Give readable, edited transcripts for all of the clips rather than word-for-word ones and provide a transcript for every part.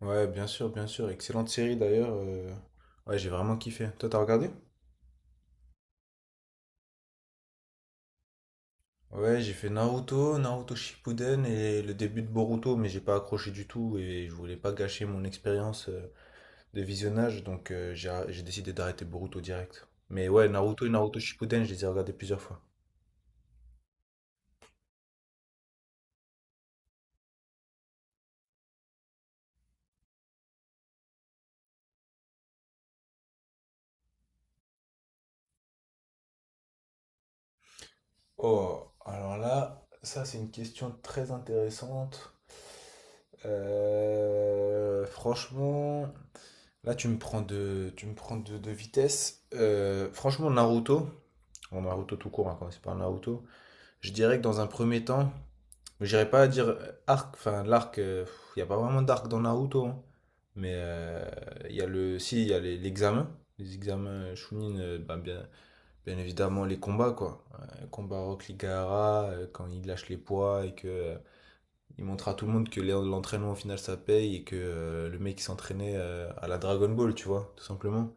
Ouais, bien sûr, bien sûr. Excellente série d'ailleurs. Ouais, j'ai vraiment kiffé. Toi, t'as regardé? Ouais, j'ai fait Naruto, Naruto Shippuden et le début de Boruto, mais j'ai pas accroché du tout et je voulais pas gâcher mon expérience de visionnage, donc j'ai décidé d'arrêter Boruto direct. Mais ouais, Naruto et Naruto Shippuden, je les ai regardés plusieurs fois. Oh, alors là, ça c'est une question très intéressante. Franchement, là tu me prends de, tu me prends de vitesse. Franchement, Naruto, bon, Naruto tout court, hein, quand c'est pas Naruto, je dirais que dans un premier temps, mais j'irais pas dire arc, enfin l'arc, il n'y a pas vraiment d'arc dans Naruto, hein. Mais il y a le, si, il y a les- l'examen, les examens Chunin, bah, bien, bien évidemment, les combats, quoi. Combat Rock Ligara, quand il lâche les poids et que il montre à tout le monde que l'entraînement au final ça paye et que le mec il s'entraînait à la Dragon Ball, tu vois, tout simplement.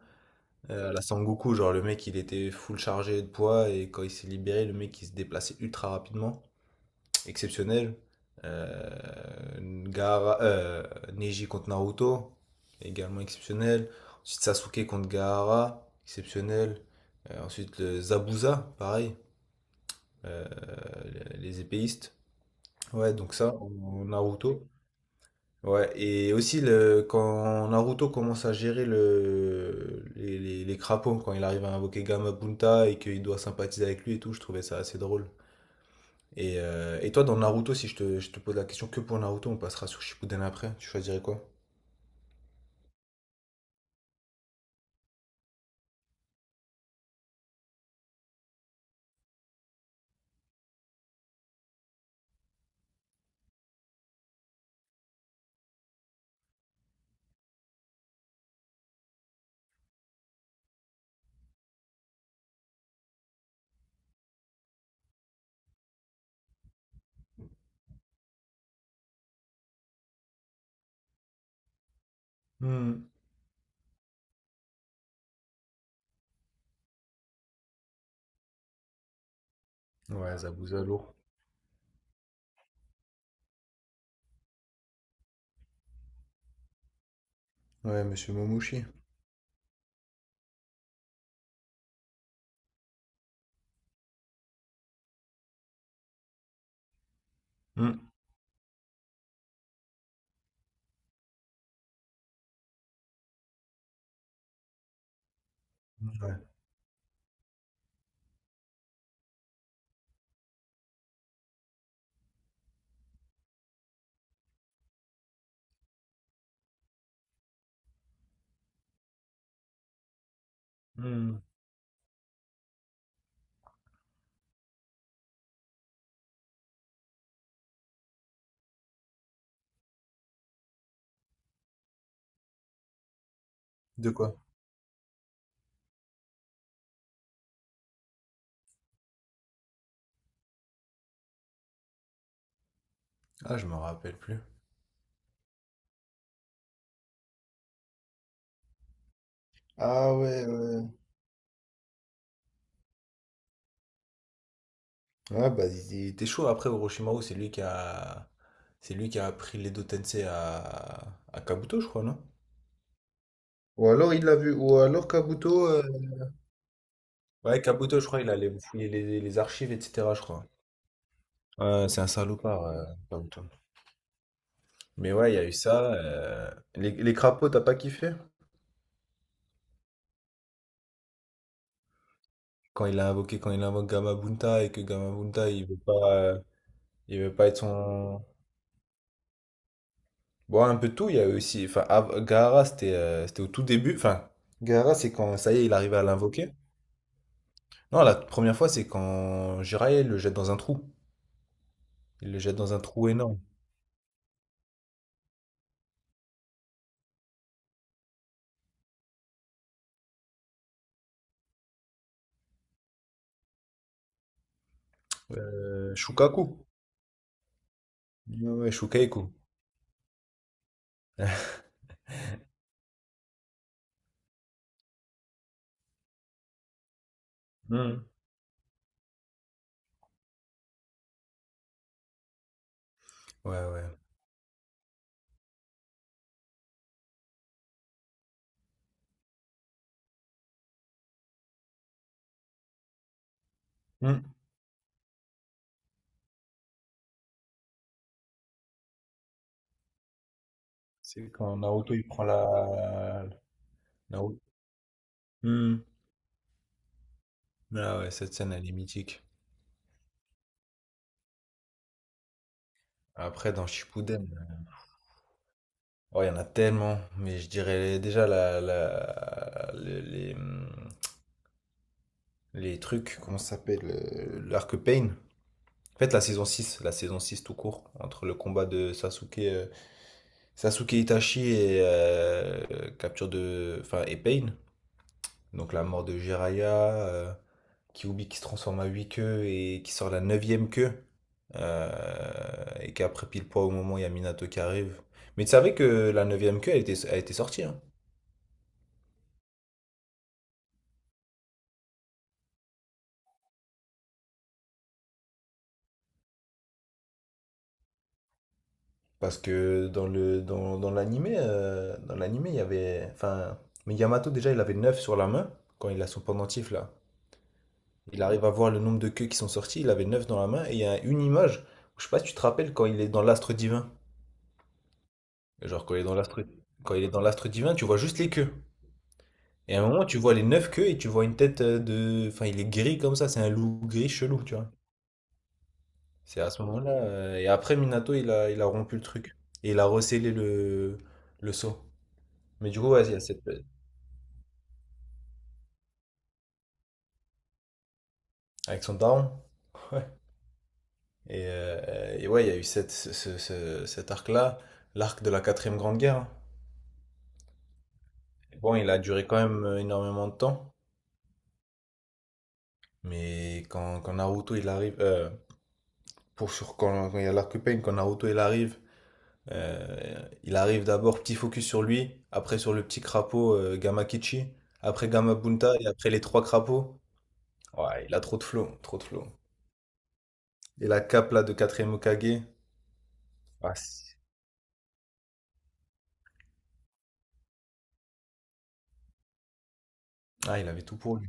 À la Sangoku, genre le mec il était full chargé de poids et quand il s'est libéré, le mec il se déplaçait ultra rapidement, exceptionnel. Euh, Gaara- euh, Neji contre Naruto, également exceptionnel. Ensuite Sasuke contre Gaara, exceptionnel. Ensuite le Zabuza, pareil euh, les épéistes. Ouais, donc ça, en Naruto. Ouais, et aussi le, quand Naruto commence à gérer les crapauds, quand il arrive à invoquer Gamabunta et qu'il doit sympathiser avec lui et tout, je trouvais ça assez drôle. Et toi, dans Naruto, si je te pose la question que pour Naruto, on passera sur Shippuden après, tu choisirais quoi? Hmm. Ouais, Zabuza lourd. Ouais, Monsieur Momoshi. Hmm. Ouais. Hmm. De quoi? Ah, je me rappelle plus. Ah ouais, ouais. Ouais, bah, il était chaud. Après, Orochimaru, c'est lui qui a... C'est lui qui a appris l'Edo Tensei à Kabuto, je crois, non? Ou alors il l'a vu, ou alors Kabuto. Ouais, Kabuto, je crois, il allait fouiller les archives, etc., je crois. Ouais, c'est un salopard, Kabuto. Mais ouais, il y a eu ça. Les crapauds, t'as pas kiffé? Quand il a invoqué, quand il invoque Gamabunta et que Gamabunta, il veut pas être son, bon, un peu de tout, il y a eu aussi. Enfin, Gaara, c'était c'était au tout début. Enfin, Gaara, c'est quand ça y est, il arrivait à l'invoquer. Non, la première fois, c'est quand Jiraiya le jette dans un trou. Il le jette dans un trou énorme. Shukaku. Ouais, ouais, Shukaiku. Hmm. Ouais, ouais. Hmm. C'est quand Naruto, il prend la. Naruto. Hmm. Ah ouais, cette scène, elle est mythique. Après, dans Shippuden, oh, il y en a tellement. Mais je dirais déjà hmm, les trucs, comment ça s'appelle l'arc Pain. En fait, la saison 6 tout court, entre le combat de Sasuke, Sasuke Itachi et capture de, enfin, et Pain. Donc la mort de Jiraiya, Kyuubi qui se transforme à 8 queues et qui sort la neuvième queue. Et qu'après pile poids au moment où il y a Minato qui arrive. Mais tu savais que la neuvième queue, elle était sortie, hein. Parce que dans l'animé, il y avait. Enfin, mais Yamato déjà, il avait 9 sur la main quand il a son pendentif là. Il arrive à voir le nombre de queues qui sont sorties, il avait 9 dans la main et il y a une image. Je sais pas si tu te rappelles quand il est dans l'astre divin. Genre quand il est dans l'astre Quand il est dans l'astre divin, tu vois juste les queues. Et à un moment, tu vois les 9 queues et tu vois une tête de. Enfin, il est gris comme ça, c'est un loup gris chelou, tu vois. C'est à ce moment-là. Et après, Minato, il a rompu le truc. Et il a rescellé le sceau. Mais du coup, ouais, il y a cette, avec son down. Et ouais, il y a eu cette, ce- ce- ce- cet arc-là, l'arc de la quatrième grande guerre. Hein. Bon, il a duré quand même énormément de temps, mais quand Naruto il arrive, pour sur, quand il y a l'arc Pain, quand Naruto il arrive d'abord petit focus sur lui, après sur le petit crapaud Gamakichi, après Gamabunta et après les 3 crapauds. Ouais, il a trop de flow, trop de flow. Et la cape là de quatrième Hokage, ah, c'est- ah, il avait tout pour lui.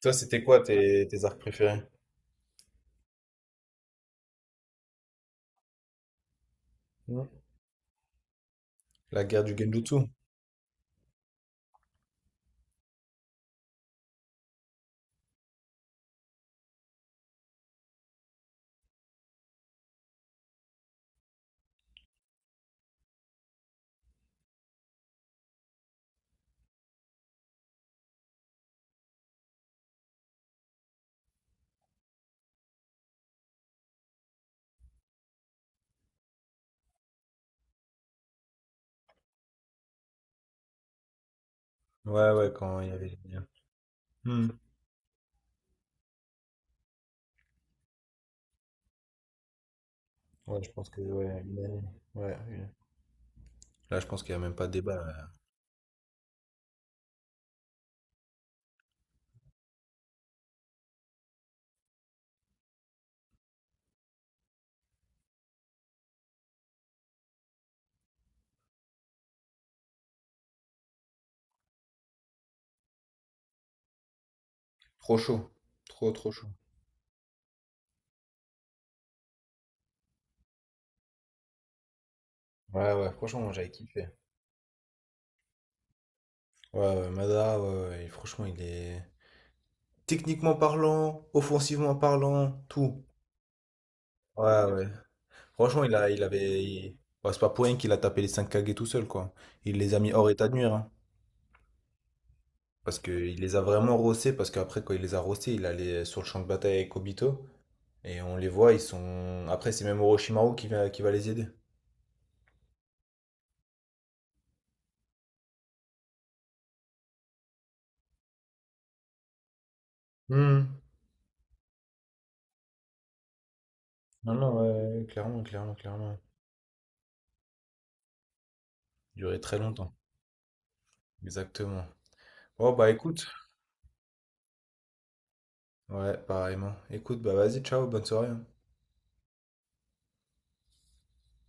Toi, c'était quoi tes arcs préférés? La guerre du Genjutsu. Ouais, ouais, quand il y avait les liens. Hmm. Ouais, je pense que ouais, une année. Ouais, une- là, je pense qu'il n'y a même pas de débat. Là. Trop chaud. Trop trop chaud. Ouais, ouais, franchement, j'avais kiffé. Ouais, ouais, Mada, ouais, ouais, et franchement, il est... Techniquement parlant, offensivement parlant, tout. Ouais, ouais. Franchement, il avait... il- ouais, c'est pas pour rien qu'il a tapé les 5 Kage tout seul, quoi. Il les a mis hors état de nuire, hein. Parce qu'il les a vraiment rossés, parce qu'après, quand il les a rossés, il allait sur le champ de bataille avec Obito. Et on les voit, ils sont. Après, c'est même Orochimaru qui va les aider. Hmm. Non, non, ouais, clairement, clairement, clairement. Durer très longtemps. Exactement. Oh bah écoute. Ouais, pareillement. Écoute, bah vas-y, ciao, bonne soirée. Hein.